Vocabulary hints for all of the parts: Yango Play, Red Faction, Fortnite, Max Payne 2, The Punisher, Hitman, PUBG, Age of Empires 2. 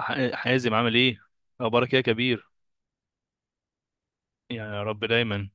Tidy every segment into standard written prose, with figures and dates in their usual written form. حازم، عامل ايه؟ اخبارك إيه يا كبير؟ يعني يا رب دايما.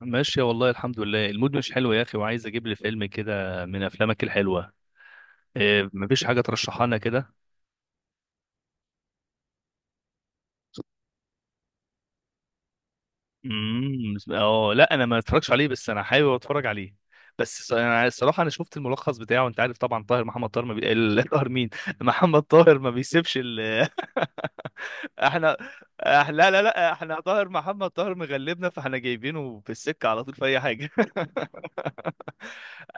ماشية والله، الحمد لله. المود مش حلو يا اخي، وعايز اجيب لي فيلم كده من افلامك الحلوة. إيه، مفيش حاجة ترشحها لنا كده؟ امم، اه، لا، انا ما اتفرجش عليه، بس انا حابب اتفرج عليه. بس انا الصراحة انا شفت الملخص بتاعه. انت عارف طبعا طاهر محمد طاهر ما بي... ال- طاهر مين؟ محمد طاهر ما بيسيبش ال... احنا احنا، لا، لا، لا، احنا طاهر محمد طاهر مغلبنا، فاحنا جايبينه في السكة على طول في اي حاجة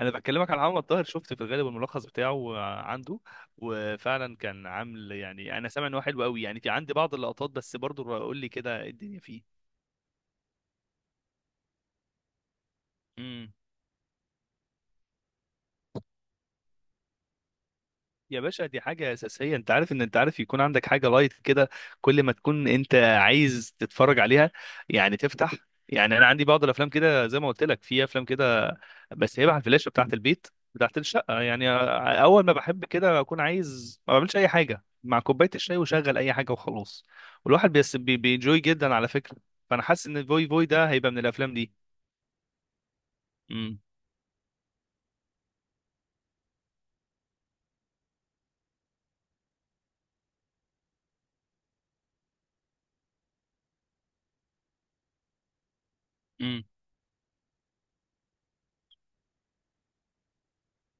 انا بكلمك على محمد طاهر، شفت في الغالب الملخص بتاعه عنده. وفعلا كان عامل، يعني انا سامع ان هو حلو قوي، يعني في عندي بعض اللقطات. بس برضو قول لي كده، إيه الدنيا فيه؟ امم. يا باشا، دي حاجة أساسية. أنت عارف إن أنت عارف يكون عندك حاجة لايت كده، كل ما تكون أنت عايز تتفرج عليها، يعني تفتح. يعني أنا عندي بعض الأفلام كده، زي ما قلت لك، في أفلام كده، بس هيبقى على الفلاشة بتاعة البيت، بتاعة الشقة يعني. أول ما بحب كده أكون عايز، ما بعملش أي حاجة، مع كوباية الشاي وشغل أي حاجة وخلاص. والواحد بينجوي جدا على فكرة. فأنا حاسس إن فوي فوي ده هيبقى من الأفلام دي. امم. امم.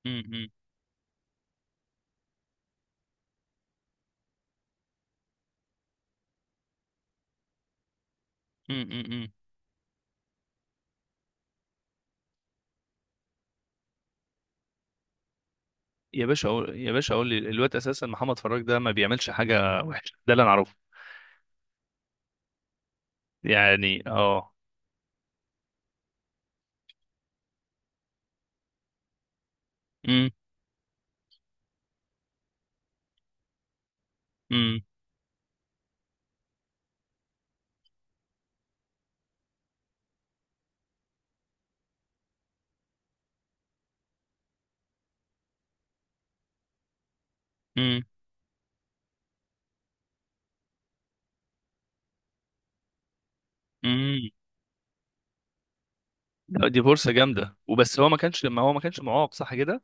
امم. امم. امم. امم. يا باشا، أقول، يا باشا، أقول لي، الواد أساسا محمد فراج ده ما بيعملش حاجة وحشة، ده اللي أنا أعرفه. يعني أه. أمم. أمم. أمم. أمم. لا، دي فرصة جامدة. وبس، هو ما كانش لما هو ما كانش معاق صح كده؟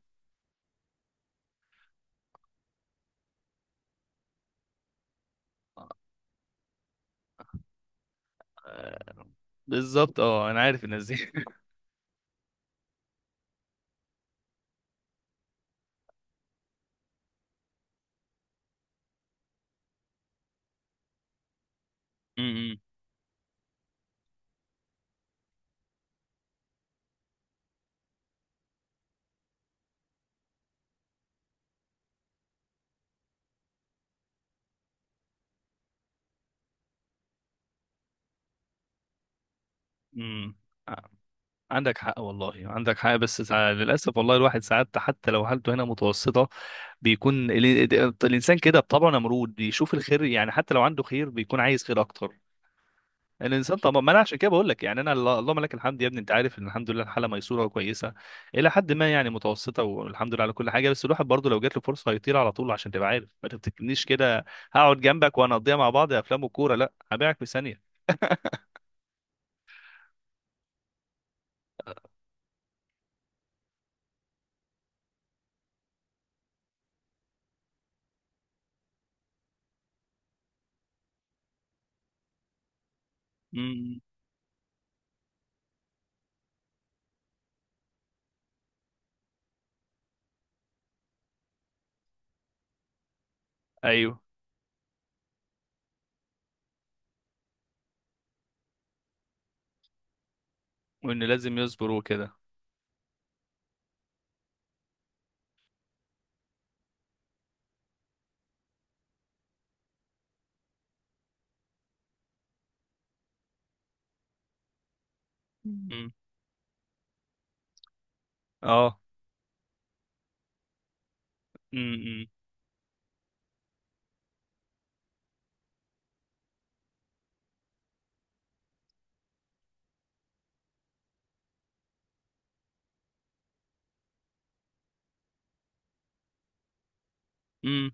آه. بالظبط، أه، أنا عارف الناس دي أمم. أمم. آه، عندك حق والله، عندك حق. بس للأسف والله، الواحد ساعات حتى لو حالته هنا متوسطة، بيكون الإنسان كده بطبعه نمرود، بيشوف الخير، يعني حتى لو عنده خير بيكون عايز خير أكتر. الانسان طبعا، ما انا عشان كده بقول لك. يعني انا اللهم لك الحمد. يا ابني انت عارف ان الحمد لله، الحاله ميسوره وكويسه، الى حد ما يعني متوسطه. والحمد لله على كل حاجه. بس الواحد برضه لو جات له فرصه هيطير على طول، عشان تبقى عارف، ما تفتكرنيش كده هقعد جنبك وهنقضيها مع بعض يا افلام وكوره، لا هبيعك في ثانيه. امم. ايوه. وان لازم يصبر وكده. مم. امم. اه. امم. امم.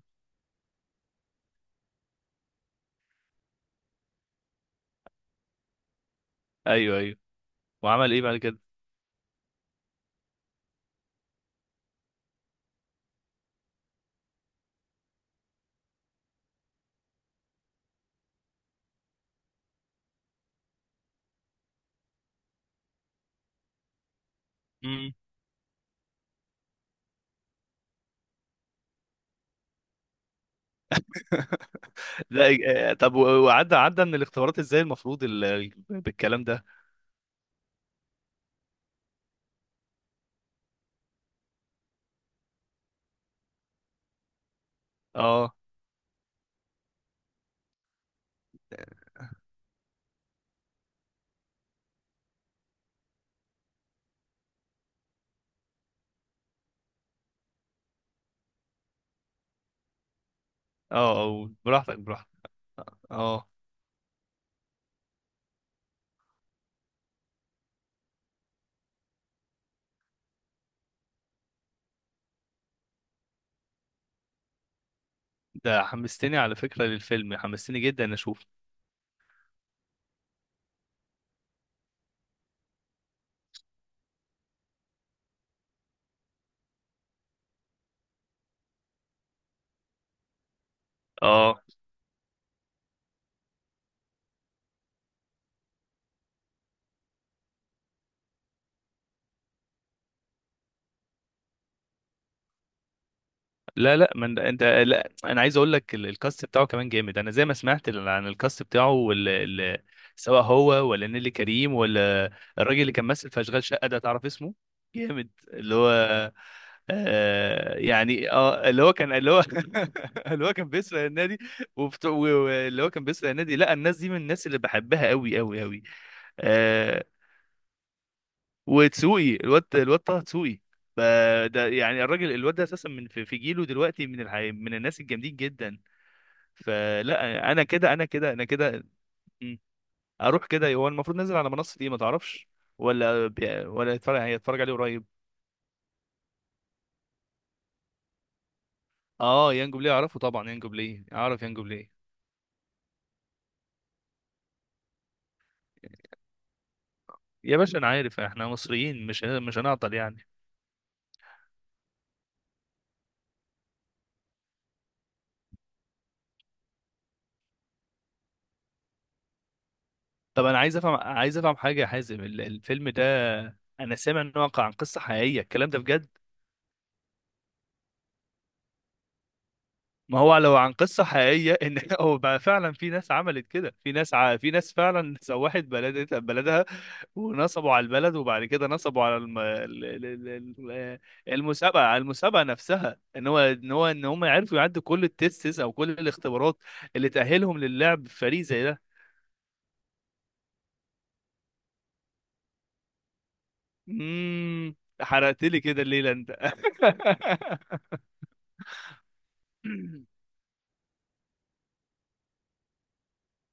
ايوه. ايوه. وعمل ايه بعد كده؟ امم. لا، آه، طب، وعدى من الاختبارات ازاي المفروض بالكلام ده. اه. اه. آه، براحتك، براحتك. اه. ده حمستني على فكرة للفيلم، حمستني جدا إن اشوف. اه. لا، لا، من انت، لا انا عايز اقول لك الكاست بتاعه كمان جامد. انا زي ما سمعت عن الكاست بتاعه سواء هو، ولا نيلي كريم، ولا الراجل اللي كان ماسك في اشغال شقة ده، تعرف اسمه؟ جامد اللي هو. آه. يعني اه، اللي هو كان، اللي هو اللي هو كان بيسرق النادي. وبت- و- واللي هو كان بيسرق النادي، لا الناس دي من الناس اللي بحبها قوي قوي قوي. وتسوقي، الواد طه تسوقي. ف- ده يعني الراجل، الواد ده اساسا، من في جيله دلوقتي، من الناس الجامدين جدا. فلا انا كده، انا كده، انا كده. مم. اروح كده. هو المفروض نازل على منصه ايه، ما تعرفش؟ ولا يتفرج، هيتفرج عليه قريب؟ اه، يانجو بلاي، اعرفه طبعا، يانجو بلاي، اعرف يانجو بلاي. يا باشا انا عارف، احنا مصريين مش هنعطل يعني. طب انا عايز افهم، عايز افهم حاجه يا حازم، الفيلم ده انا سامع انه واقع عن قصه حقيقيه، الكلام ده بجد؟ ما هو لو عن قصة حقيقية، ان هو بقى فعلا في ناس عملت كده، في ناس في ناس فعلا سوحت بلدها، ونصبوا على البلد، وبعد كده نصبوا على ال- المسابقة على المسابقة نفسها، ان هم عرفوا يعدوا كل التيستس او كل الاختبارات اللي تأهلهم للعب في فريق زي ده. امم. حرقت لي كده الليلة انت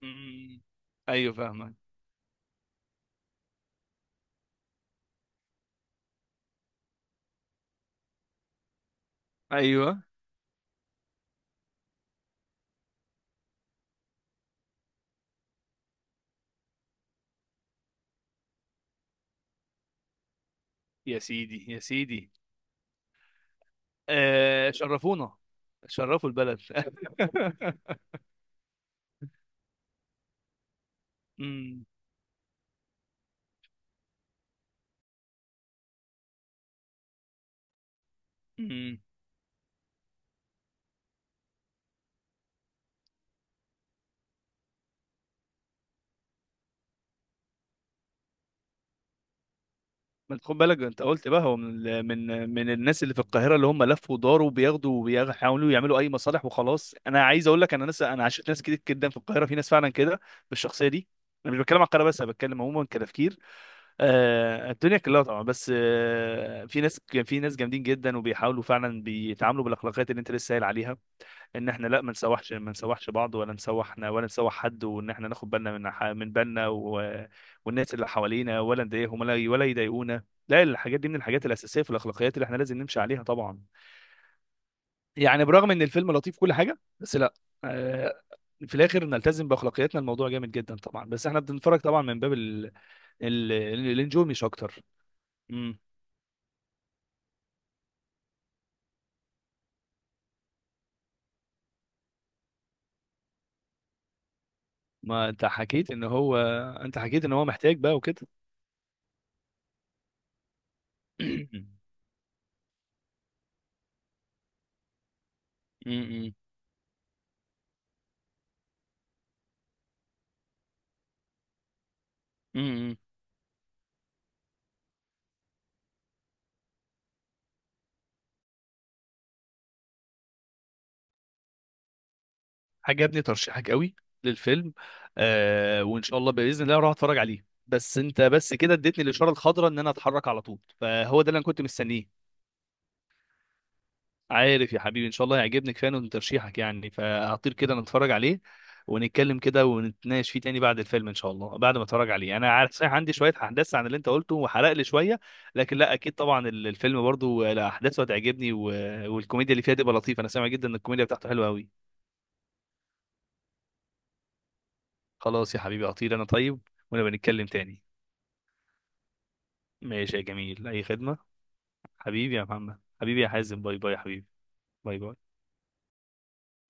أمم. ايوه فاهمك. ايوه. يا سيدي، يا سيدي. آه، شرفونا، شرفوا البلد امم. امم. ما تاخد بالك، انت قلت بقى هو من ال- من من الناس اللي في القاهره، اللي هم لفوا وداروا بياخدوا وبيحاولوا يعملوا اي مصالح وخلاص. انا عايز اقول لك، انا ناس، انا عشت ناس كتير جدا في القاهره، في ناس فعلا كده بالشخصيه دي. انا مش بتكلم على القاهره بس، انا بتكلم عموما كتفكير. آه، الدنيا كلها طبعا. بس آه في ناس، في ناس جامدين جدا، وبيحاولوا فعلا بيتعاملوا بالاخلاقيات اللي انت لسه قايل عليها، ان احنا لا، ما نسوحش بعض، ولا نسوحنا، ولا نسوح حد. وان احنا ناخد بالنا من من بالنا، و... والناس اللي حوالينا، ولا نضايقهم، ولا يضايقونا. لا الحاجات دي من الحاجات الاساسيه في الاخلاقيات اللي احنا لازم نمشي عليها طبعا. يعني برغم ان الفيلم لطيف كل حاجه، بس لا، آه، في الاخر نلتزم باخلاقياتنا. الموضوع جامد جدا طبعا، بس احنا بنتفرج طبعا من باب الانجوي مش اكتر. امم. ما انت حكيت ان هو، انت حكيت ان هو محتاج بقى وكده. امم. عجبني ترشيحك قوي للفيلم. آه، وان شاء الله باذن الله اروح اتفرج عليه. بس انت بس كده اديتني الاشاره الخضراء ان انا اتحرك على طول، فهو ده اللي انا كنت مستنيه. عارف يا حبيبي، ان شاء الله هيعجبني، كفايه من ترشيحك يعني، فهطير كده نتفرج عليه. ونتكلم كده ونتناقش فيه تاني بعد الفيلم ان شاء الله، بعد ما اتفرج عليه. انا عارف صحيح عندي شويه احداث عن اللي انت قلته وحرق لي شويه، لكن لا، اكيد طبعا الفيلم برضو، لا، احداثه هتعجبني والكوميديا اللي فيها تبقى لطيفه. انا سامع جدا ان الكوميديا بتاعته حلوه قوي. خلاص يا حبيبي، اطير انا طيب. ونبقى نتكلم تاني. ماشي يا جميل، أي خدمة. حبيبي يا محمد، حبيبي يا حازم، باي باي يا حبيبي. باي باي.